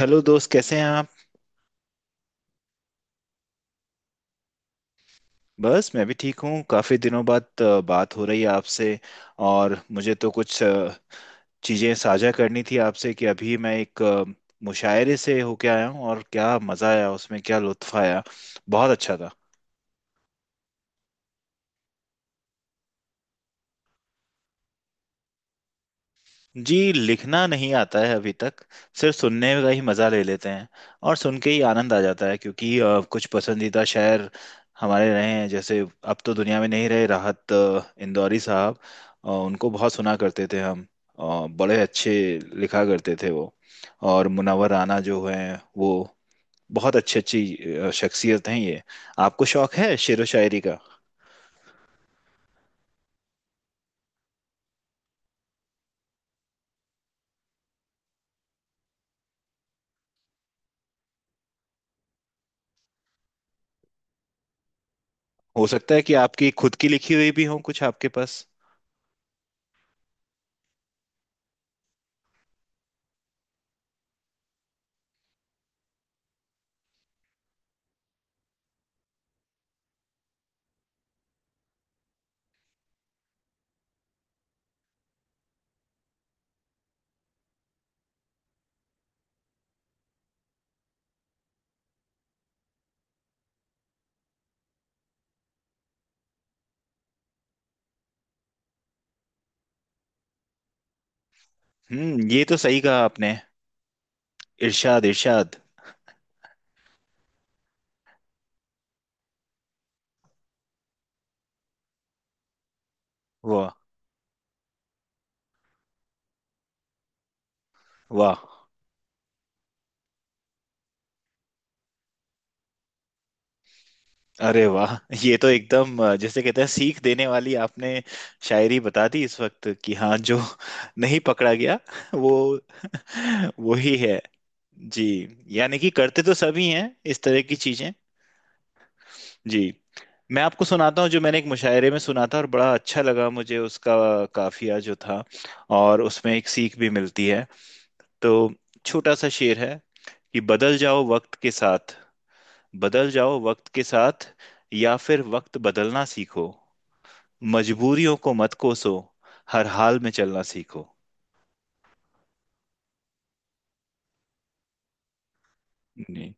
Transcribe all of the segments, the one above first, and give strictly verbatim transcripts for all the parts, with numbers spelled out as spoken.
Hello दोस्त, कैसे हैं आप। बस मैं भी ठीक हूँ। काफ़ी दिनों बाद अ, बात हो रही है आपसे। और मुझे तो कुछ अ, चीज़ें साझा करनी थी आपसे कि अभी मैं एक अ, मुशायरे से होके आया हूँ, और क्या मज़ा आया उसमें, क्या लुत्फ़ आया, बहुत अच्छा था। जी, लिखना नहीं आता है अभी तक, सिर्फ सुनने का ही मज़ा ले लेते हैं। और सुन के ही आनंद आ जाता है क्योंकि अ, कुछ पसंदीदा शायर हमारे रहे हैं, जैसे अब तो दुनिया में नहीं रहे राहत अ, इंदौरी साहब। अ, उनको बहुत सुना करते थे हम। अ, बड़े अच्छे लिखा करते थे वो। और मुनव्वर राना जो हैं वो बहुत अच्छी अच्छी अ, शख्सियत हैं ये। आपको शौक है शेरो शायरी का। हो सकता है कि आपकी खुद की लिखी हुई भी हो कुछ आपके पास। हम्म, ये तो सही कहा आपने। इरशाद इरशाद। वाह। वाह। अरे वाह, ये तो एकदम अ, जैसे कहते हैं सीख देने वाली आपने शायरी बता दी इस वक्त कि हाँ, जो नहीं पकड़ा गया वो वो ही है। जी, यानी कि करते तो सभी हैं इस तरह की चीजें। जी, मैं आपको सुनाता हूँ जो मैंने एक मुशायरे में सुना था और बड़ा अच्छा लगा मुझे उसका काफिया जो था, और उसमें एक सीख भी मिलती है। तो छोटा सा शेर है कि बदल जाओ वक्त के साथ, बदल जाओ वक्त के साथ या फिर वक्त बदलना सीखो, मजबूरियों को मत कोसो, हर हाल में चलना सीखो। जी।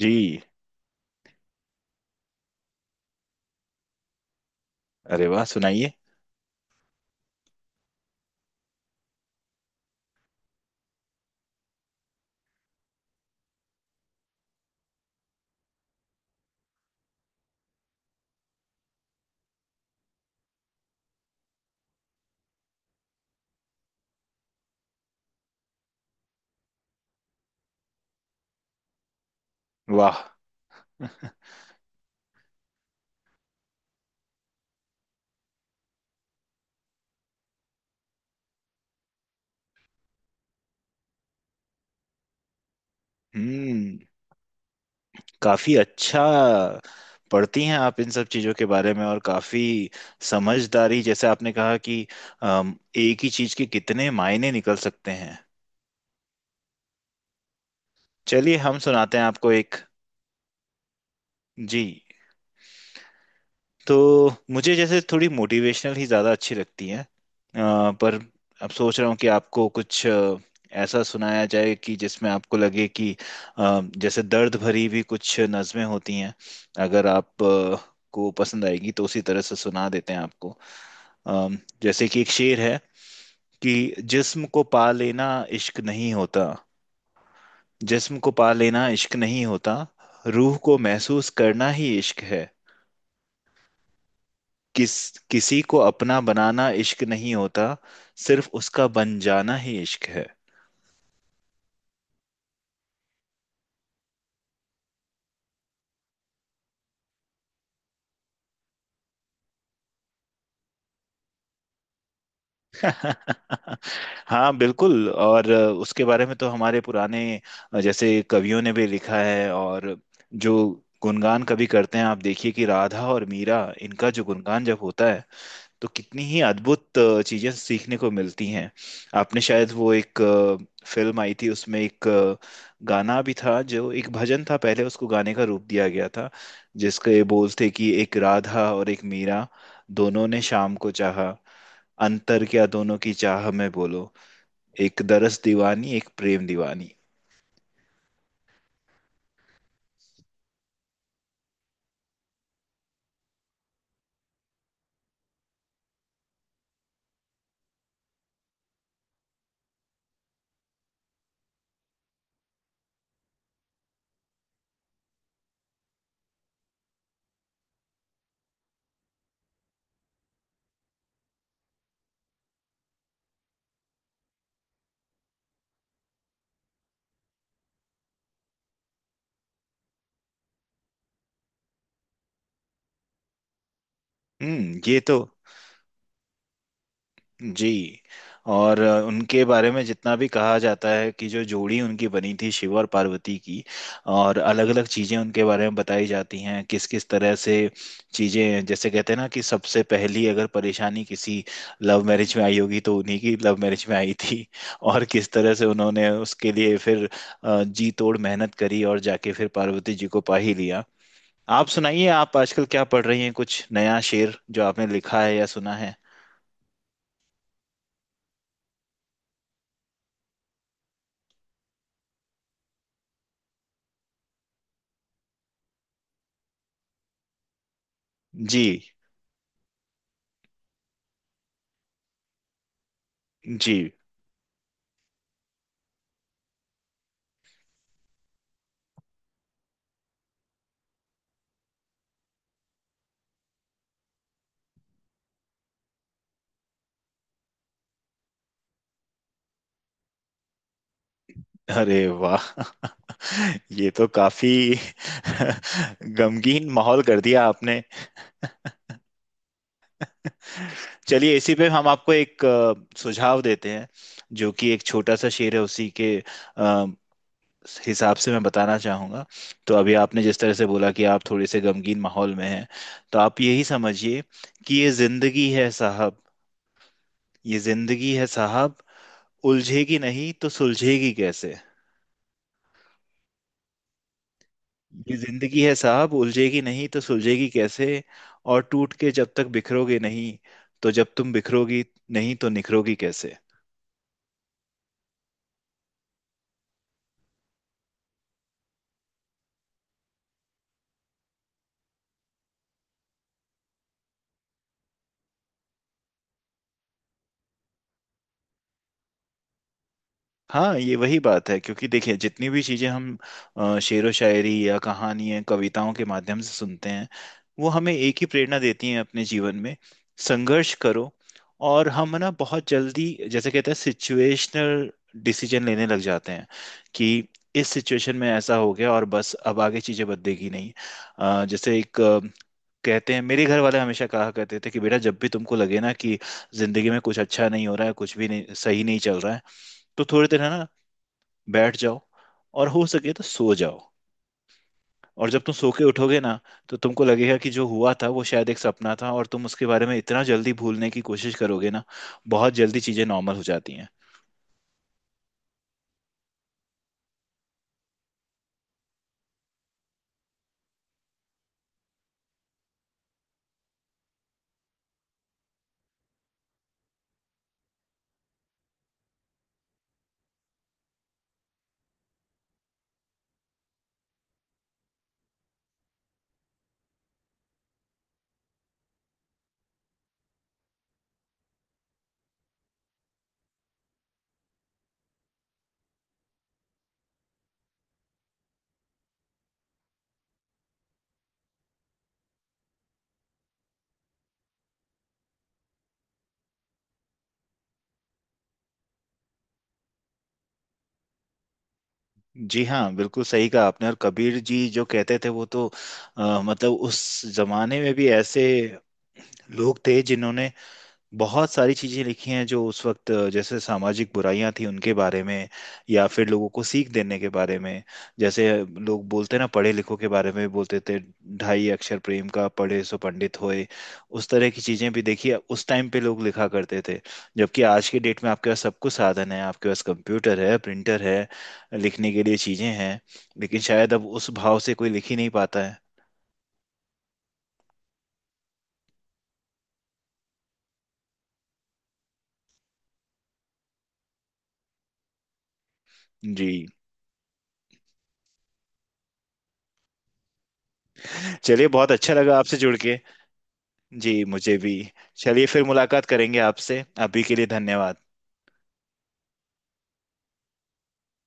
जी, अरे वाह, सुनाइए। वाह। हम्म, काफी अच्छा। पढ़ती हैं आप इन सब चीजों के बारे में और काफी समझदारी, जैसे आपने कहा कि अम, एक ही चीज के कितने मायने निकल सकते हैं। चलिए हम सुनाते हैं आपको एक। जी, तो मुझे जैसे थोड़ी मोटिवेशनल ही ज़्यादा अच्छी लगती हैं अ, पर अब सोच रहा हूँ कि आपको कुछ अ, ऐसा सुनाया जाए कि जिसमें आपको लगे कि अ, जैसे दर्द भरी भी कुछ नज़में होती हैं। अगर आप अ, को पसंद आएगी तो उसी तरह से सुना देते हैं आपको। अम, जैसे कि एक शेर है कि जिस्म को पा लेना इश्क नहीं होता, जिस्म को पा लेना इश्क नहीं होता, रूह को महसूस करना ही इश्क है। किस किसी को अपना बनाना इश्क नहीं होता, सिर्फ उसका बन जाना ही इश्क है। हाँ बिल्कुल। और अ, उसके बारे में तो हमारे पुराने अ, जैसे कवियों ने भी लिखा है, और जो गुणगान कभी करते हैं आप देखिए कि राधा और मीरा, इनका जो गुणगान जब होता है तो कितनी ही अद्भुत अ, चीजें सीखने को मिलती हैं। आपने शायद वो एक अ, फिल्म आई थी, उसमें एक अ, गाना भी था जो एक भजन था, पहले उसको गाने का रूप दिया गया था, जिसके बोल थे कि एक राधा और एक मीरा दोनों ने शाम को चाहा, अंतर क्या दोनों की चाह में बोलो, एक दरस दीवानी एक प्रेम दीवानी। हम्म, ये तो। जी, और अ, उनके बारे में जितना भी कहा जाता है कि जो जोड़ी उनकी बनी थी शिव और पार्वती की, और अलग अलग चीजें उनके बारे में बताई जाती हैं किस किस तरह से, चीजें जैसे कहते हैं ना कि सबसे पहली अगर परेशानी किसी लव मैरिज में आई होगी तो उन्हीं की लव मैरिज में आई थी। और किस तरह से उन्होंने उसके लिए फिर अ, जी तोड़ मेहनत करी और जाके फिर पार्वती जी को पा ही लिया। आप सुनाइए, आप आजकल क्या पढ़ रही हैं, कुछ नया शेर जो आपने लिखा है या सुना है। जी। जी, अरे वाह, ये तो काफी गमगीन माहौल कर दिया आपने। चलिए इसी पे हम आपको एक अ, सुझाव देते हैं जो कि एक छोटा सा शेर है उसी के अ, हिसाब से मैं बताना चाहूंगा। तो अभी आपने जिस तरह से बोला कि आप थोड़े से गमगीन माहौल में हैं, तो आप यही समझिए कि ये जिंदगी है साहब, ये जिंदगी है साहब, उलझेगी नहीं तो सुलझेगी कैसे। ये जिंदगी है साहब उलझेगी नहीं तो सुलझेगी कैसे, और टूट के जब तक बिखरोगे नहीं, तो जब तुम बिखरोगी नहीं तो निखरोगी कैसे। हाँ, ये वही बात है क्योंकि देखिए जितनी भी चीज़ें हम अ, शेरो शायरी या कहानियां कविताओं के माध्यम से सुनते हैं, वो हमें एक ही प्रेरणा देती हैं अपने जीवन में, संघर्ष करो। और हम ना बहुत जल्दी जैसे कहते हैं सिचुएशनल डिसीजन लेने लग जाते हैं कि इस सिचुएशन में ऐसा हो गया और बस अब आगे चीज़ें बदलेगी नहीं। अ, जैसे एक अ, कहते हैं मेरे घर वाले हमेशा कहा करते थे कि बेटा जब भी तुमको लगे ना कि जिंदगी में कुछ अच्छा नहीं हो रहा है, कुछ भी नहीं सही नहीं चल रहा है, तो थोड़ी देर है ना, बैठ जाओ और हो सके तो सो जाओ। और जब तुम सो के उठोगे ना, तो तुमको लगेगा कि जो हुआ था वो शायद एक सपना था, और तुम उसके बारे में इतना जल्दी भूलने की कोशिश करोगे ना। बहुत जल्दी चीजें नॉर्मल हो जाती हैं। जी हाँ, बिल्कुल सही कहा आपने। और कबीर जी जो कहते थे वो तो अ, मतलब उस जमाने में भी ऐसे लोग थे जिन्होंने बहुत सारी चीजें लिखी हैं, जो उस वक्त अ, जैसे सामाजिक बुराइयां थी उनके बारे में या फिर लोगों को सीख देने के बारे में। जैसे लोग बोलते ना, पढ़े लिखों के बारे में बोलते थे, ढाई अक्षर प्रेम का पढ़े सो पंडित होए। उस तरह की चीजें भी देखिए उस टाइम पे लोग लिखा करते थे, जबकि आज के डेट में आपके पास सब कुछ साधन है, आपके पास कंप्यूटर है, प्रिंटर है, लिखने के लिए चीजें हैं, लेकिन शायद अब उस भाव से कोई लिख ही नहीं पाता है। जी। चलिए बहुत अच्छा लगा आपसे जुड़ के। जी मुझे भी। चलिए फिर मुलाकात करेंगे आपसे, अभी के लिए धन्यवाद।